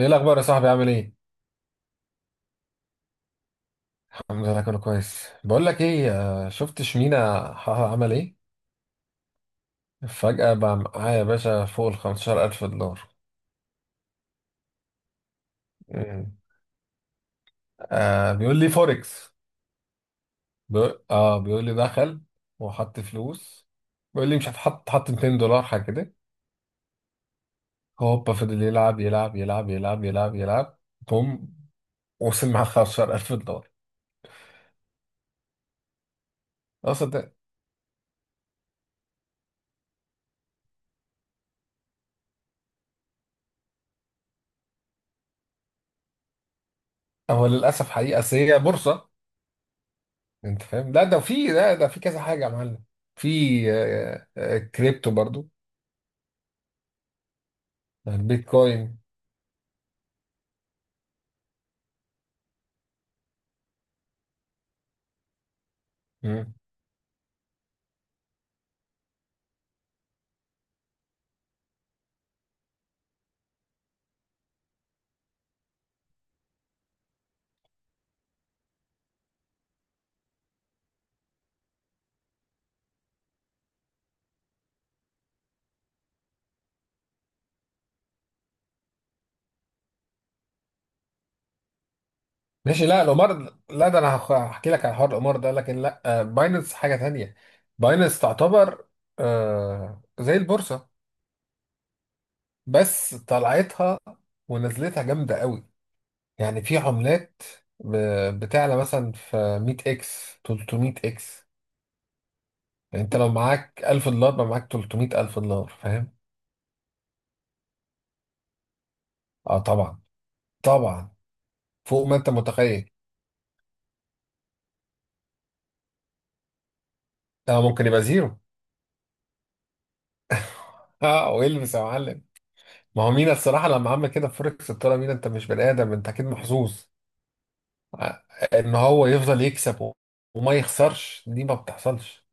ايه الاخبار يا صاحبي، عامل ايه؟ الحمد لله، كله كويس. بقول لك ايه. شفت شمينا حها عمل ايه؟ فجأة بقى معايا يا باشا فوق ال 15000 دولار. مم. آه، بيقول لي فوركس. بيقول لي دخل وحط فلوس. بيقول لي مش هتحط، حط 200 دولار حاجه كده. هوبا فضل يلعب يلعب يلعب يلعب يلعب يلعب. بوم. وصل مع 15000 دولار. اصلا ده. هو للاسف حقيقه، أصل هي بورصه. انت فاهم؟ لا ده في كذا حاجه يا معلم. في. كريبتو برضو. البيتكوين. مم. ماشي، لا القمار. لا ده انا هحكي لك على حوار القمار ده، لكن لا، باينانس حاجه تانية. باينانس تعتبر. آه، زي البورصه. بس طلعتها ونزلتها جامده قوي. يعني في عملات. بتعلى مثلا في 100 اكس 300 اكس. يعني انت لو معاك 1000 دولار بقى معاك 300 الف دولار، فاهم؟ اه، طبعا. طبعا. فوق ما انت متخيل. اه، ممكن يبقى زيرو. اه، ويلبس يا معلم. ما هو مينا الصراحه لما عمل كده في فوركس، قلت له: مينا انت مش بني ادم، انت اكيد محظوظ. آه، ان هو يفضل يكسب وما يخسرش، دي ما بتحصلش.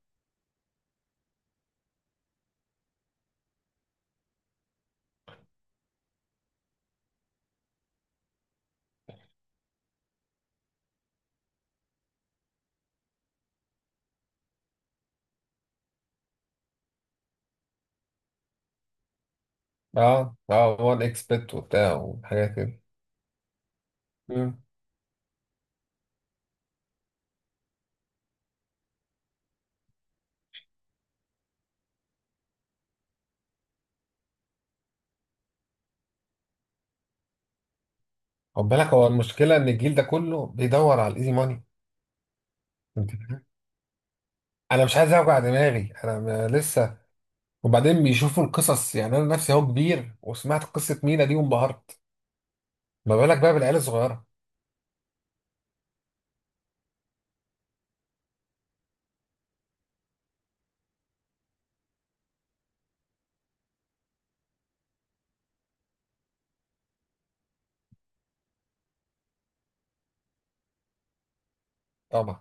اه، اه، هو الاكس بت وبتاع وحاجات كده. مم. خد بالك، هو المشكله ان الجيل ده كله بيدور على الايزي ماني. انت فاهم؟ انا مش عايز اوجع دماغي، انا لسه. وبعدين بيشوفوا القصص. يعني انا نفسي اهو كبير وسمعت قصه مينا دي وانبهرت. ما بالك بقى بالعيال الصغيره. طبعا.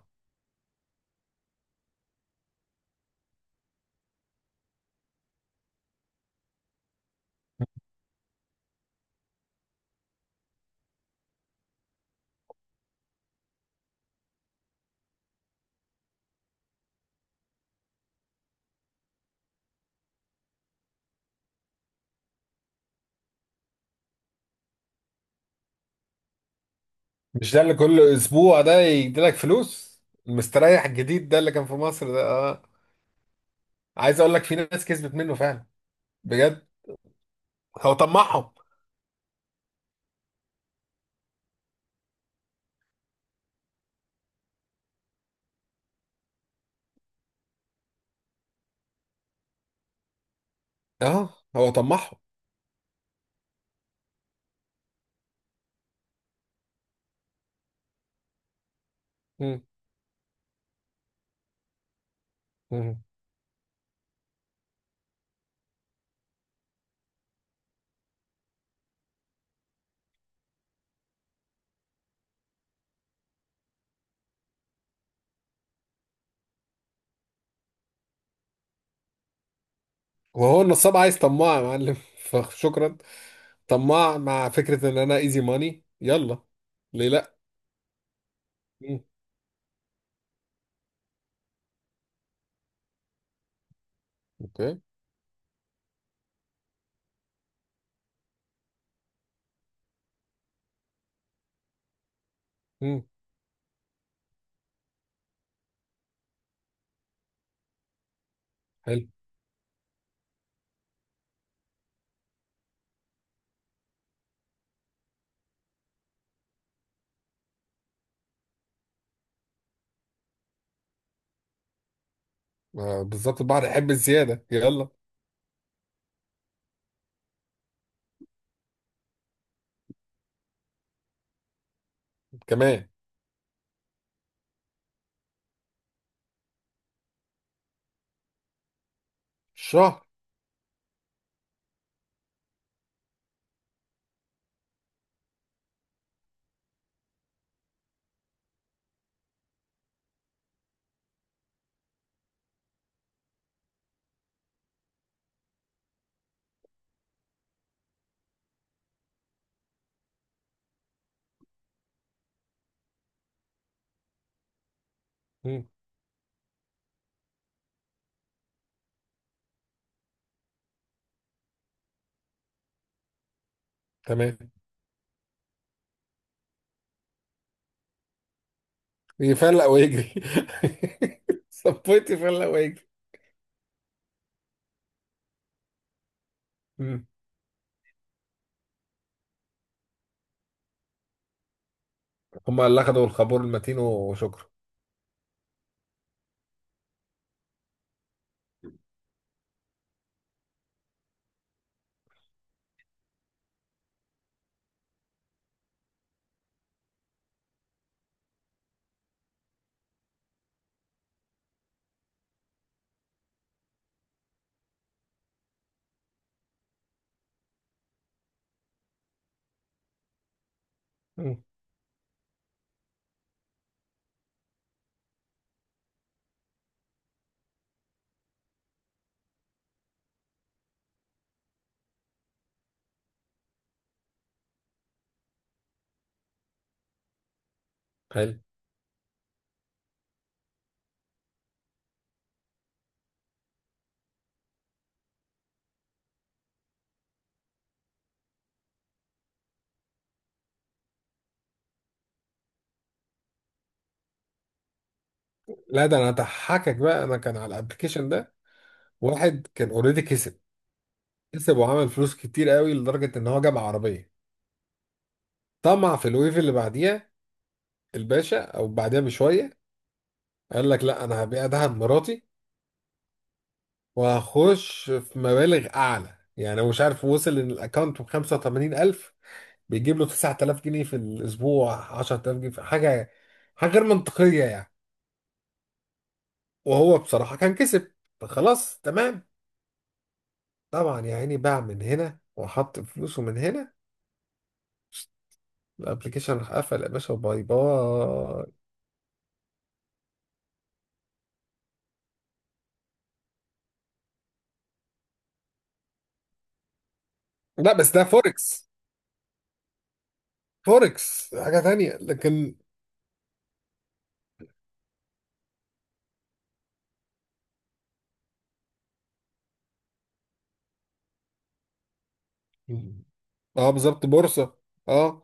مش ده اللي كل اسبوع ده يديلك فلوس؟ المستريح الجديد ده اللي كان في مصر ده، اه. عايز اقول لك في ناس كسبت منه فعلا. بجد. هو طمعهم. اه، هو طمعهم. مم. مم. وهو النصاب عايز طماع يا معلم فشكرا. طماع مع فكرة ان انا ايزي ماني، يلا. ليه لا؟ مم. اوكي. مم. حلو. آه، بالظبط، البحر يحب الزيادة، يلا. كمان. الشهر. مم. تمام. يفلق ويجري. صبيت يفلق ويجري. هما اللي اخدوا الخابور المتين وشكرا. مم. حلو. لا ده انا هضحكك بقى، انا كان على الابلكيشن ده. واحد كان اوريدي كسب. كسب وعمل فلوس كتير قوي لدرجه ان هو جاب عربيه. طمع في الويف اللي بعديها، الباشا، او بعديها بشويه قال لك: لا، انا هبيع دهب مراتي وهخش في مبالغ اعلى. يعني هو مش عارف وصل ان الاكونت ب 85000. بيجيب له 9000 جنيه في الاسبوع، 10000 جنيه في حاجه. حاجه غير منطقيه يعني. وهو بصراحه كان كسب، فخلاص تمام. طبعا يا عيني باع من هنا وحط فلوسه من هنا. الابلكيشن راح قفل يا باشا، وباي باي. لا بس ده فوركس. فوركس حاجة تانية لكن. اه، بالظبط، بورصة. اه.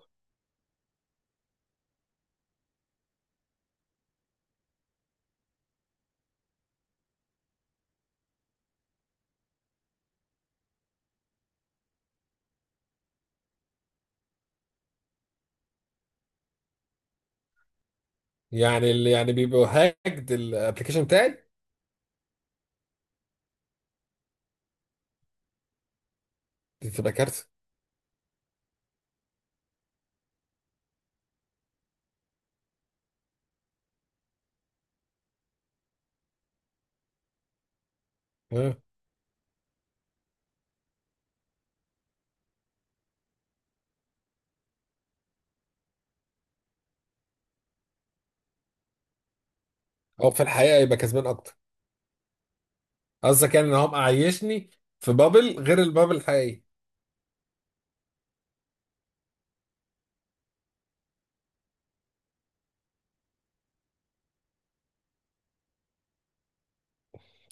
يعني اللي يعني بيبقوا هاكد الابلكيشن بتاعي. دي تبقى كارثة. آه. او في الحقيقة يبقى كسبان اكتر. قصدك يعني ان هو معيشني في بابل غير البابل الحقيقي.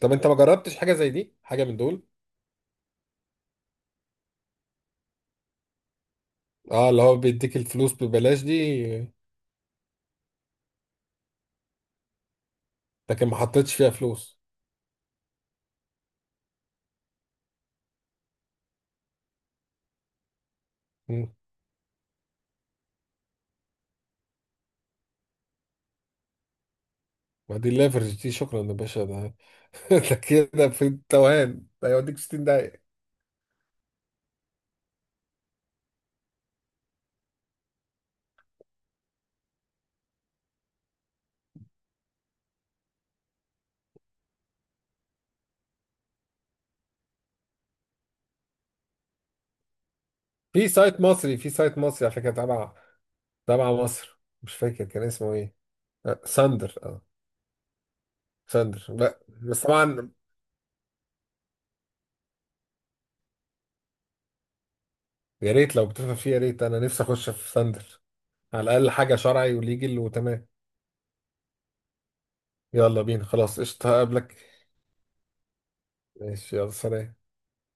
طب انت ما جربتش حاجة زي دي، حاجة من دول؟ اه، اللي هو بيديك الفلوس ببلاش دي. لكن ما حطيتش فيها فلوس. ما دي الليفرج دي، شكرا يا باشا ده ده كده في التوهان ده يوديك في 60 دقيقة. في سايت مصري، في سايت مصري على فكرة، تبع مصر، مش فاكر كان اسمه ايه. آه، ساندر، اه. ساندر، لا بس طبعا. يا ريت لو بتفهم فيه، يا ريت، انا نفسي اخش في ساندر. على الاقل حاجة شرعي وليجل وتمام. يلا بينا خلاص، قشطة، هقابلك. ماشي، يلا سلام.